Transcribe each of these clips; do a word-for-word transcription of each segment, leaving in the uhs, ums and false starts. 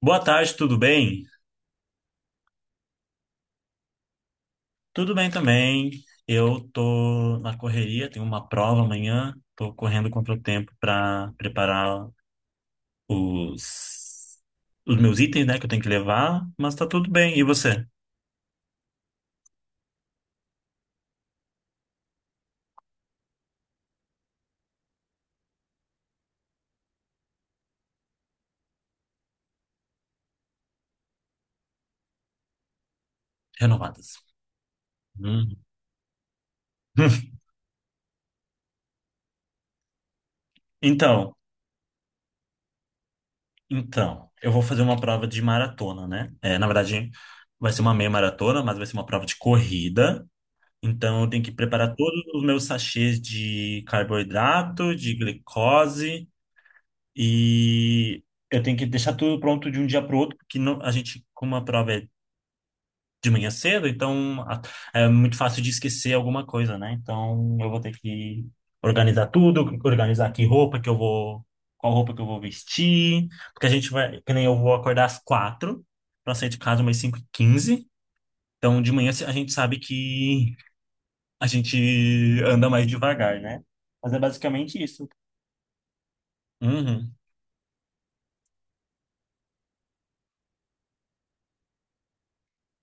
Boa tarde, tudo bem? Tudo bem também. Eu tô na correria, tenho uma prova amanhã, tô correndo contra o tempo para preparar os os meus itens, né, que eu tenho que levar, mas tá tudo bem. E você? Renovadas. Hum. Então, então, eu vou fazer uma prova de maratona, né? É, na verdade, vai ser uma meia maratona, mas vai ser uma prova de corrida. Então, eu tenho que preparar todos os meus sachês de carboidrato, de glicose. E eu tenho que deixar tudo pronto de um dia para o outro, porque não, a gente, como a prova é de manhã cedo, então a- é muito fácil de esquecer alguma coisa, né? Então eu vou ter que organizar tudo, organizar que roupa que eu vou, qual roupa que eu vou vestir, porque a gente vai, que nem eu vou acordar às quatro para sair de casa umas cinco e quinze. Então de manhã a gente sabe que a gente anda mais devagar, né? Mas é basicamente isso. Uhum,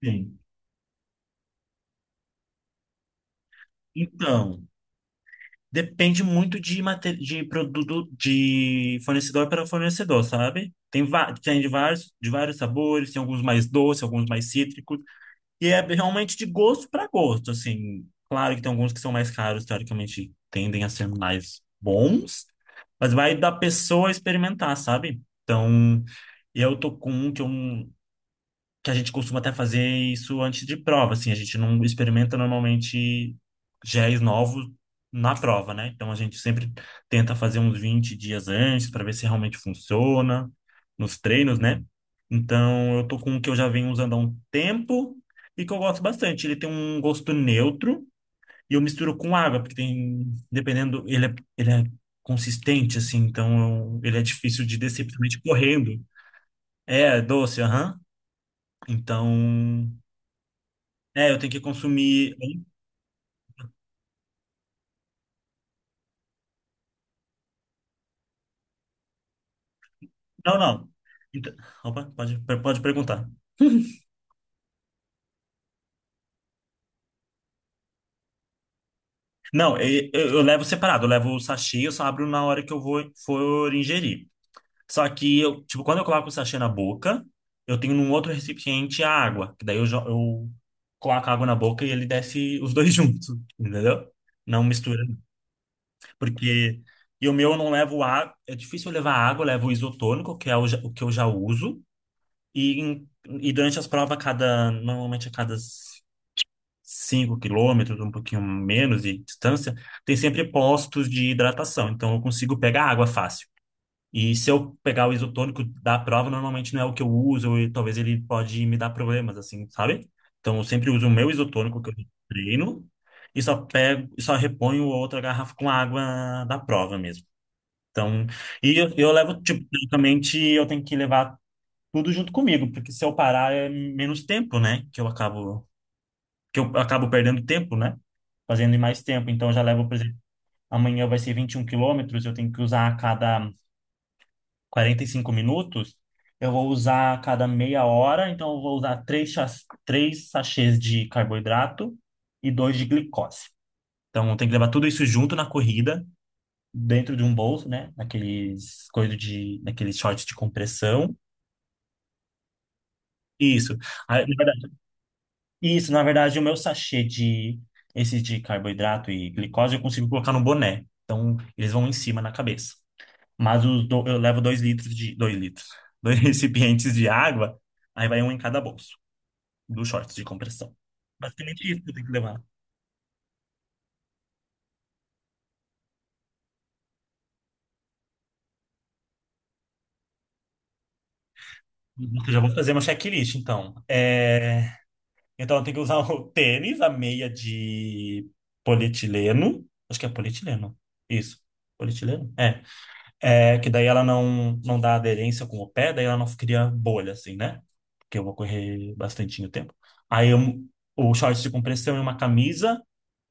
sim. Então, depende muito de, mate- de produto, de fornecedor para fornecedor, sabe? Tem, va- tem de vários, de vários sabores, tem alguns mais doces, alguns mais cítricos, e é realmente de gosto para gosto, assim. Claro que tem alguns que são mais caros, teoricamente tendem a ser mais bons, mas vai da pessoa experimentar, sabe? Então, eu tô com um que eu que a gente costuma até fazer isso antes de prova, assim. A gente não experimenta normalmente géis novos na prova, né? Então a gente sempre tenta fazer uns vinte dias antes para ver se realmente funciona nos treinos, né? Então eu tô com um que eu já venho usando há um tempo e que eu gosto bastante. Ele tem um gosto neutro e eu misturo com água, porque tem, dependendo, ele é, ele é consistente, assim, então eu- ele é difícil de descer, principalmente correndo. É, doce, aham. Então, é, eu tenho que consumir. Não, não. Então- Opa, pode, pode perguntar. Não, e- eu, eu levo separado, eu levo o sachê, eu só abro na hora que eu vou for ingerir. Só que eu, tipo, quando eu coloco o sachê na boca, eu tenho num outro recipiente a água, que daí eu, jo- eu coloco a água na boca e ele desce os dois juntos, entendeu? Não mistura, porque e o meu eu não levo água, é difícil eu levar água, eu levo o isotônico, que é o, ja- o que eu já uso, e, em- e durante as provas, a cada, normalmente a cada cinco quilômetros, um pouquinho menos de distância, tem sempre postos de hidratação. Então, eu consigo pegar água fácil. E se eu pegar o isotônico da prova, normalmente não é o que eu uso e talvez ele pode me dar problemas, assim, sabe? Então, eu sempre uso o meu isotônico que eu treino e só pego, e só reponho outra garrafa com água da prova mesmo. Então, e eu, eu levo, tipo, praticamente eu tenho que levar tudo junto comigo, porque se eu parar é menos tempo, né? Que eu acabo, que eu acabo perdendo tempo, né? Fazendo em mais tempo. Então, eu já levo, por exemplo, amanhã vai ser vinte e um quilômetros, eu tenho que usar a cada quarenta e cinco minutos, eu vou usar a cada meia hora, então eu vou usar três, chas- três sachês de carboidrato e dois de glicose. Então, tem que levar tudo isso junto na corrida, dentro de um bolso, né? Naqueles coisas de, naqueles shorts de compressão. Isso. Aí, na verdade- Isso, na verdade, o meu sachê de esses de carboidrato e glicose eu consigo colocar no boné. Então, eles vão em cima na cabeça. Mas os do- eu levo dois litros de. Dois litros. Dois recipientes de água. Aí vai um em cada bolso. Dos shorts de compressão. Basicamente isso que eu tenho que levar. Eu já vou fazer uma checklist, então. É, então eu tenho que usar o tênis, a meia de polietileno. Acho que é polietileno. Isso. Polietileno? É. É, que daí ela não, não dá aderência com o pé, daí ela não cria bolha, assim, né? Porque eu vou correr bastante tempo. Aí eu, o short de compressão e uma camisa,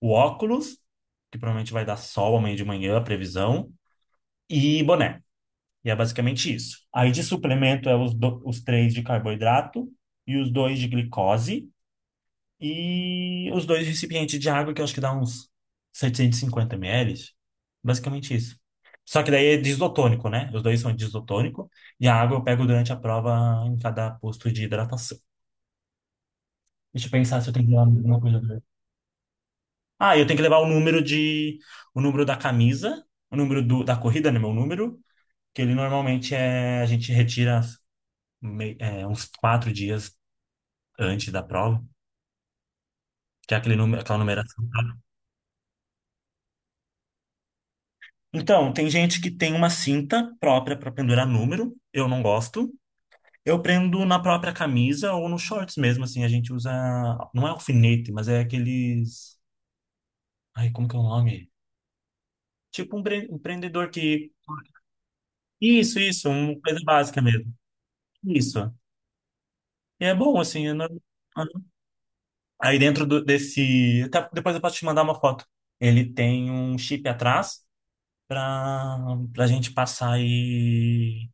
o óculos, que provavelmente vai dar sol amanhã de manhã, a previsão, e boné. E é basicamente isso. Aí de suplemento é os, do- os três de carboidrato e os dois de glicose. E os dois recipientes de água, que eu acho que dá uns setecentos e cinquenta ml. Basicamente isso. Só que daí é disotônico, né? Os dois são disotônico. E a água eu pego durante a prova em cada posto de hidratação. Deixa eu pensar se eu tenho que levar alguma coisa pra- Ah, eu tenho que levar o número de... O número da camisa. O número do... da corrida, né? Meu número. Que ele normalmente é... A gente retira mei- é, uns quatro dias antes da prova. Que é aquele número... aquela numeração. Então, tem gente que tem uma cinta própria para pendurar número, eu não gosto. Eu prendo na própria camisa ou nos shorts mesmo, assim, a gente usa, não é alfinete, mas é aqueles, ai, como que é o nome? Tipo um, bre- um prendedor que, isso, isso, uma coisa básica mesmo, isso. E é bom, assim, é nor- aí dentro do- desse. Até depois eu posso te mandar uma foto. Ele tem um chip atrás para para gente passar e...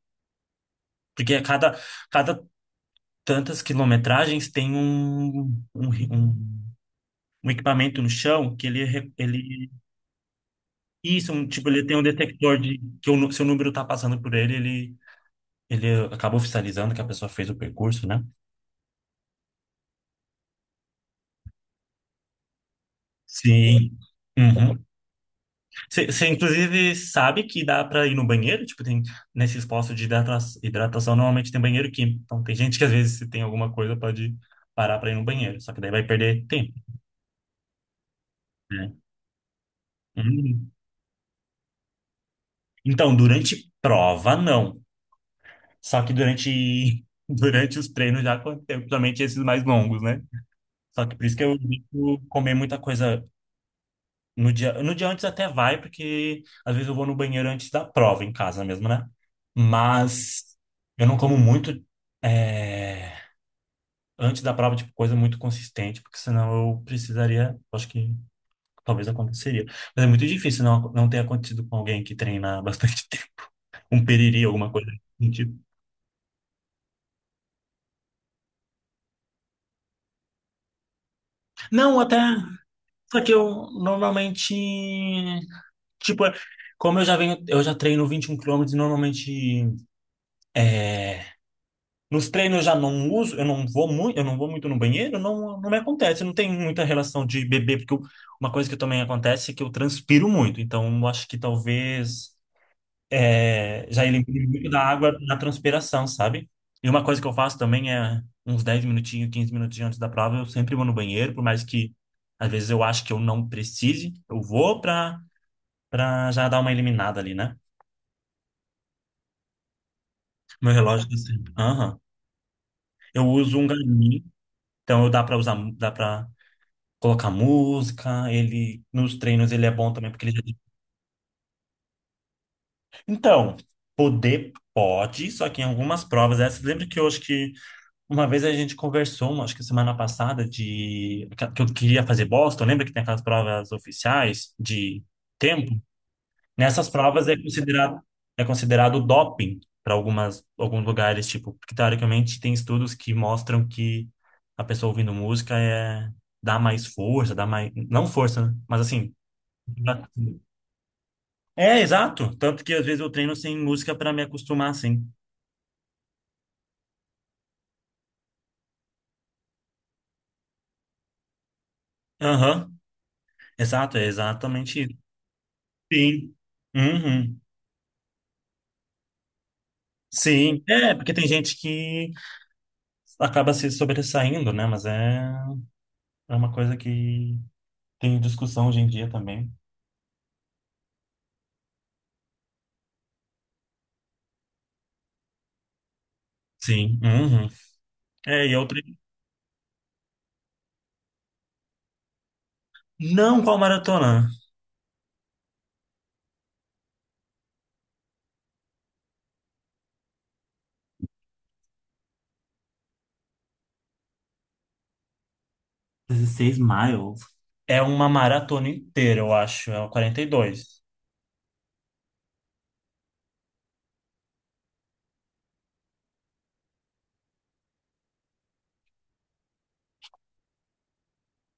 Porque cada, cada tantas quilometragens, tem um, um, um, um equipamento no chão que ele, re- ele isso, um, tipo, ele tem um detector de que o, nu- se o número está passando por ele, ele, ele acaba oficializando que a pessoa fez o percurso, né? Sim. Uhum. Você, inclusive, sabe que dá para ir no banheiro? Tipo, tem nesses postos de hidrata- hidratação, normalmente tem banheiro químico. Então, tem gente que às vezes, se tem alguma coisa, pode parar para ir no banheiro. Só que daí vai perder tempo, né? Uhum. Então, durante prova, não. Só que durante, durante os treinos já aconteceu, principalmente esses mais longos, né? Só que por isso que eu evito comer muita coisa no dia. No dia antes até vai, porque às vezes eu vou no banheiro antes da prova em casa mesmo, né? Mas eu não como muito é, antes da prova, tipo, coisa muito consistente, porque senão eu precisaria, acho que talvez aconteceria. Mas é muito difícil não, não ter acontecido com alguém que treina há bastante tempo. Um periri, alguma coisa nesse sentido. Não, até. Só que eu normalmente, tipo, como eu já venho, eu já treino vinte e um quilômetros e normalmente nos treinos eu já não uso, eu não vou muito, eu não vou muito no banheiro, não, não me acontece, não tem muita relação de beber, porque eu- uma coisa que também acontece é que eu transpiro muito, então eu acho que talvez é, já elimine muito da água na transpiração, sabe? E uma coisa que eu faço também é uns dez minutinhos, quinze minutinhos antes da prova, eu sempre vou no banheiro, por mais que às vezes eu acho que eu não precise, eu vou para pra já dar uma eliminada ali, né? Meu relógio tá, uhum, sempre. Aham. Eu uso um Garmin, então eu dá pra usar, dá pra colocar música, ele nos treinos ele é bom também porque ele já... Então, poder pode, só que em algumas provas essas, lembra que eu acho que uma vez a gente conversou, uma- acho que semana passada de que eu queria fazer Boston, lembra que tem aquelas provas oficiais de tempo? Nessas provas é considerado é considerado doping para algumas alguns lugares, tipo, porque teoricamente tem estudos que mostram que a pessoa ouvindo música é dá mais força, dá mais não força, né? Mas assim, dá- é exato, tanto que às vezes eu treino sem música para me acostumar assim. Aham. Exato, é exatamente isso. Sim. Uhum. Sim, é, porque tem gente que acaba se sobressaindo, né? Mas é, é uma coisa que tem discussão hoje em dia também. Sim. Uhum. É, e outra. Não qual maratona. Dezesseis miles. É uma maratona inteira, eu acho. É uma quarenta e dois.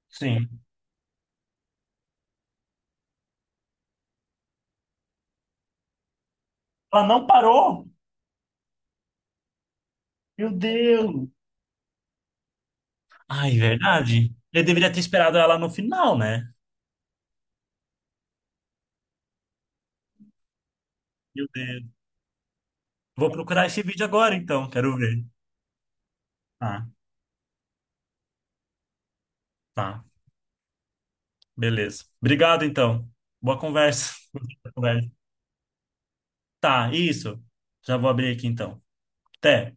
Sim. Ela não parou? Meu Deus! Ai, verdade. Eu deveria ter esperado ela no final, né? Meu Deus. Vou procurar esse vídeo agora, então. Quero ver. Tá, tá. Beleza. Obrigado, então. Boa conversa. Boa conversa. Tá, isso. Já vou abrir aqui, então. Até.